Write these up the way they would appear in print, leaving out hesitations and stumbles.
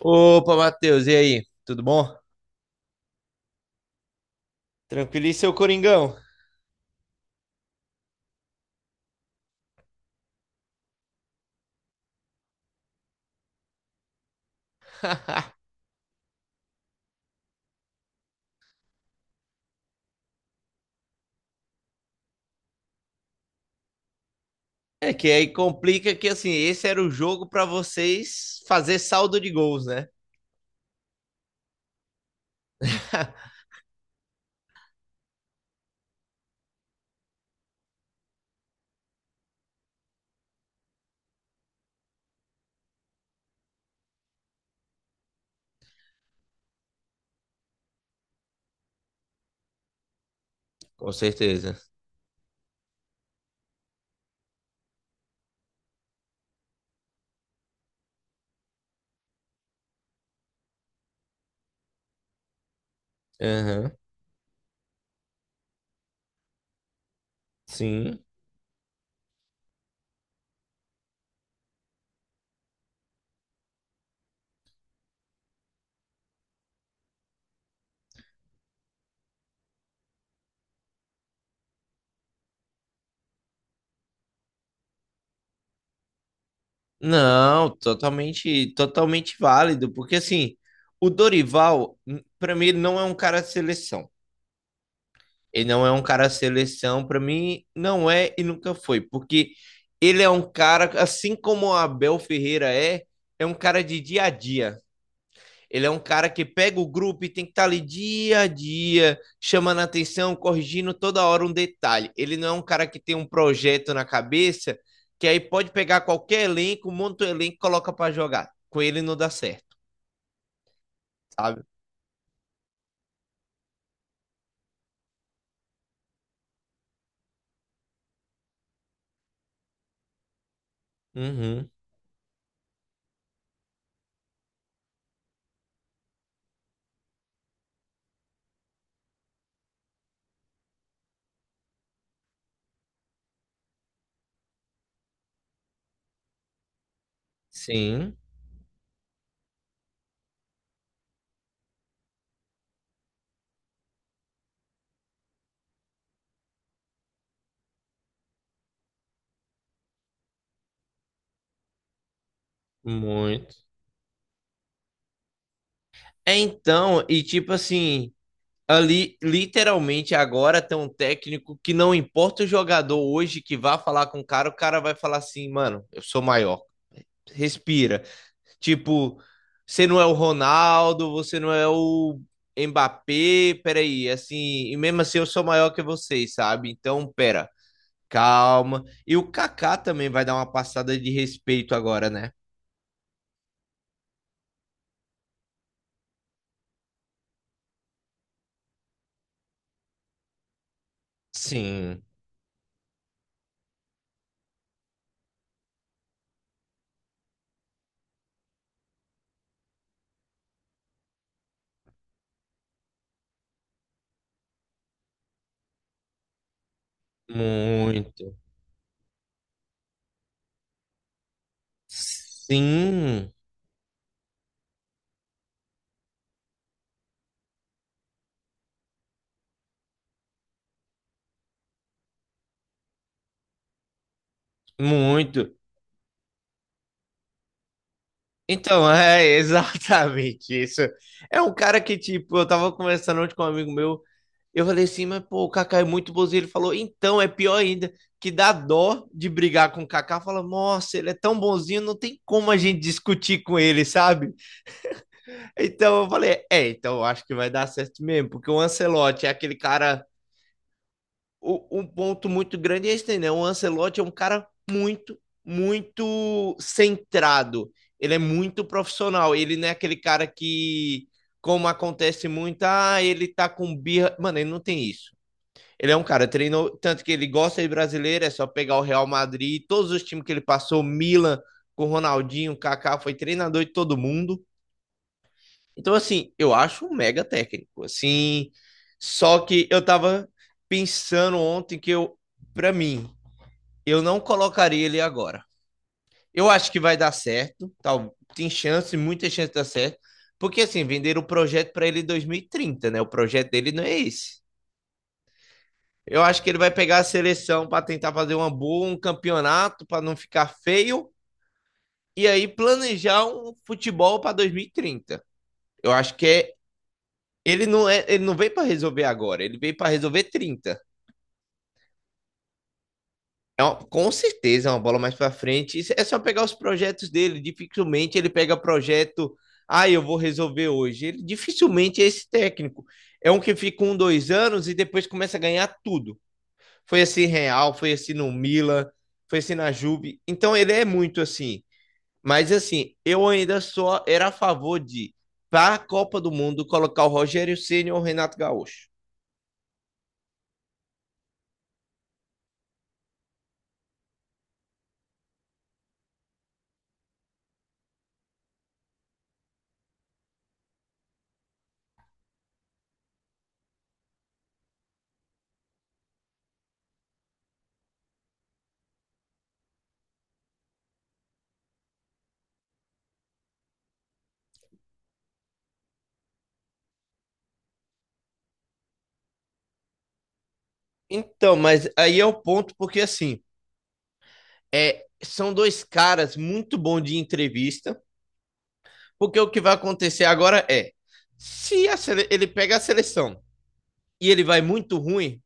Opa, Matheus, e aí? Tudo bom? Tranquilo, e seu Coringão? É que aí complica que assim, esse era o jogo para vocês fazer saldo de gols, né? Com certeza. Aham, Sim. Não, totalmente, totalmente válido, porque assim, o Dorival, para mim, ele não é um cara de seleção. Ele não é um cara de seleção, para mim, não é e nunca foi, porque ele é um cara, assim como o Abel Ferreira é, é um cara de dia a dia. Ele é um cara que pega o grupo e tem que estar ali dia a dia, chamando a atenção, corrigindo toda hora um detalhe. Ele não é um cara que tem um projeto na cabeça que aí pode pegar qualquer elenco, monta o elenco e coloca para jogar. Com ele não dá certo, sabe? Uhum. Sim, muito. É então, e tipo assim, ali literalmente agora tem um técnico que não importa o jogador hoje que vá falar com o cara vai falar assim, mano, eu sou maior. Respira. Tipo, você não é o Ronaldo, você não é o Mbappé, peraí, assim, e mesmo assim eu sou maior que vocês, sabe? Então, pera, calma. E o Kaká também vai dar uma passada de respeito agora, né? Sim, muito. Sim, muito. Então, é exatamente isso. É um cara que, tipo, eu tava conversando ontem com um amigo meu, eu falei assim, mas pô, o Kaká é muito bonzinho. Ele falou, então, é pior ainda, que dá dó de brigar com o Kaká. Fala, nossa, ele é tão bonzinho, não tem como a gente discutir com ele, sabe? Então eu falei, é, então eu acho que vai dar certo mesmo, porque o Ancelotti é aquele cara. Um ponto muito grande é esse, né? O Ancelotti é um cara muito, muito centrado. Ele é muito profissional. Ele não é aquele cara que, como acontece muito, ah, ele tá com birra. Mano, ele não tem isso. Ele é um cara, treinou tanto que ele gosta de brasileiro, é só pegar o Real Madrid, todos os times que ele passou, Milan, com o Ronaldinho, o Kaká, foi treinador de todo mundo. Então, assim, eu acho um mega técnico, assim. Só que eu tava pensando ontem pra mim, eu não colocaria ele agora. Eu acho que vai dar certo, tal, tem chance, muita chance de dar certo, porque assim, venderam o projeto pra ele em 2030, né? O projeto dele não é esse. Eu acho que ele vai pegar a seleção pra tentar fazer uma boa, um campeonato pra não ficar feio e aí planejar um futebol pra 2030. Eu acho que é, ele não veio para resolver agora, ele veio para resolver 30. Com certeza é uma bola mais para frente. É só pegar os projetos dele. Dificilmente ele pega projeto. Ah, eu vou resolver hoje. Ele dificilmente é esse técnico. É um que fica um, dois anos e depois começa a ganhar tudo. Foi assim Real, foi assim no Milan, foi assim na Juve. Então ele é muito assim. Mas assim, eu ainda só era a favor de, para a Copa do Mundo, colocar o Rogério Ceni ou o Renato Gaúcho. Então, mas aí é o ponto, porque assim, é, são dois caras muito bons de entrevista, porque o que vai acontecer agora é, se a sele- ele pega a seleção e ele vai muito ruim,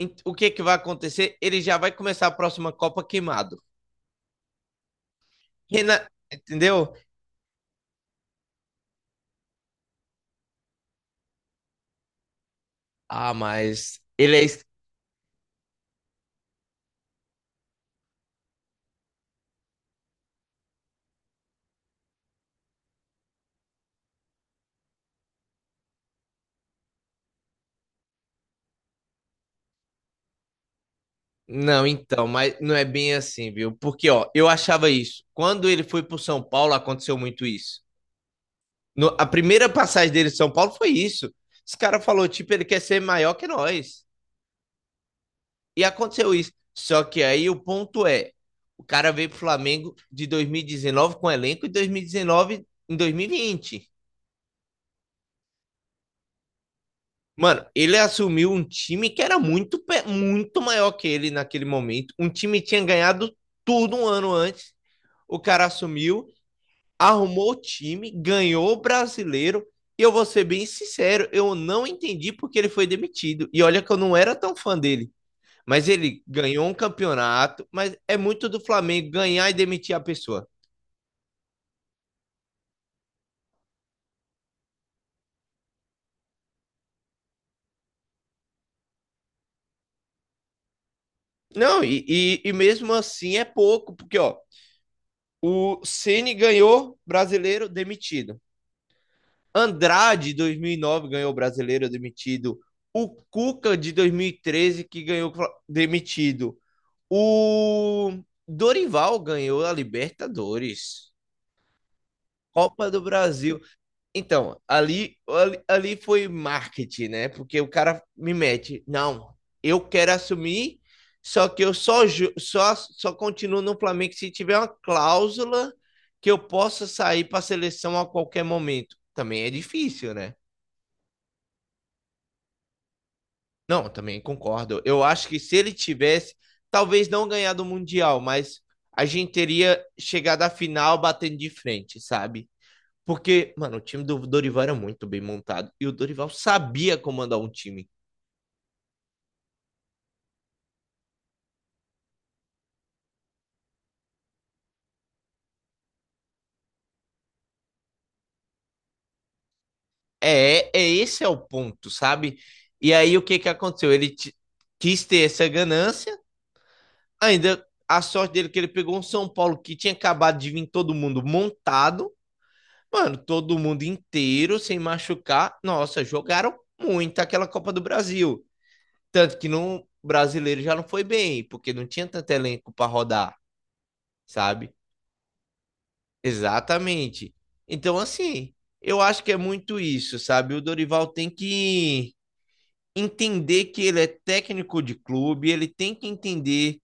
o que que vai acontecer? Ele já vai começar a próxima Copa queimado. Renan, entendeu? Ah, mas ele é... es- Não, então, mas não é bem assim, viu? Porque, ó, eu achava isso. Quando ele foi pro São Paulo, aconteceu muito isso. A primeira passagem dele de São Paulo foi isso. Esse cara falou, tipo, ele quer ser maior que nós. E aconteceu isso. Só que aí o ponto é, o cara veio pro Flamengo de 2019 com elenco e 2019 em 2020. Mano, ele assumiu um time que era muito, muito maior que ele naquele momento. Um time que tinha ganhado tudo um ano antes. O cara assumiu, arrumou o time, ganhou o brasileiro. E eu vou ser bem sincero, eu não entendi porque ele foi demitido. E olha que eu não era tão fã dele. Mas ele ganhou um campeonato, mas é muito do Flamengo ganhar e demitir a pessoa. Não, e mesmo assim é pouco, porque ó, o Ceni ganhou brasileiro demitido. Andrade, 2009, ganhou brasileiro demitido. O Cuca, de 2013 que ganhou demitido. O Dorival ganhou a Libertadores, Copa do Brasil. Então, ali foi marketing, né? Porque o cara me mete, não, eu quero assumir, só que eu só, ju- só, só continuo no Flamengo se tiver uma cláusula que eu possa sair para a seleção a qualquer momento. Também é difícil, né? Não, também concordo. Eu acho que se ele tivesse, talvez não ganhado o Mundial, mas a gente teria chegado à final batendo de frente, sabe? Porque, mano, o time do Dorival era muito bem montado e o Dorival sabia comandar um time. É, é esse é o ponto, sabe? E aí o que que aconteceu? Quis ter essa ganância, ainda a sorte dele é que ele pegou um São Paulo que tinha acabado de vir todo mundo montado. Mano, todo mundo inteiro, sem machucar. Nossa, jogaram muito aquela Copa do Brasil. Tanto que no brasileiro já não foi bem, porque não tinha tanto elenco para rodar, sabe? Exatamente. Então, assim, eu acho que é muito isso, sabe? O Dorival tem que entender que ele é técnico de clube, ele tem que entender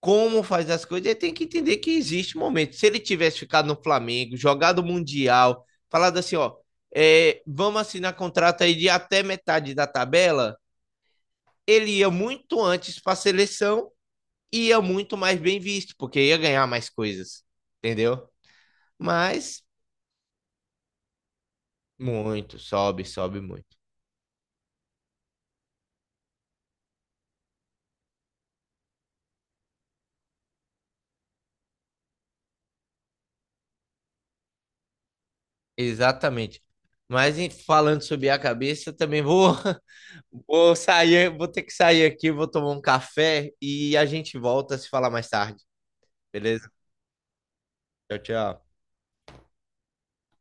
como faz as coisas, ele tem que entender que existe um momento. Se ele tivesse ficado no Flamengo, jogado o Mundial, falado assim, ó, é, vamos assinar contrato aí de até metade da tabela, ele ia muito antes para a seleção e ia muito mais bem visto, porque ia ganhar mais coisas, entendeu? Mas muito, sobe, sobe muito. Exatamente. Mas falando sobre a cabeça, também vou, vou sair, vou ter que sair aqui, vou tomar um café e a gente volta a se falar mais tarde. Beleza? Tchau, tchau.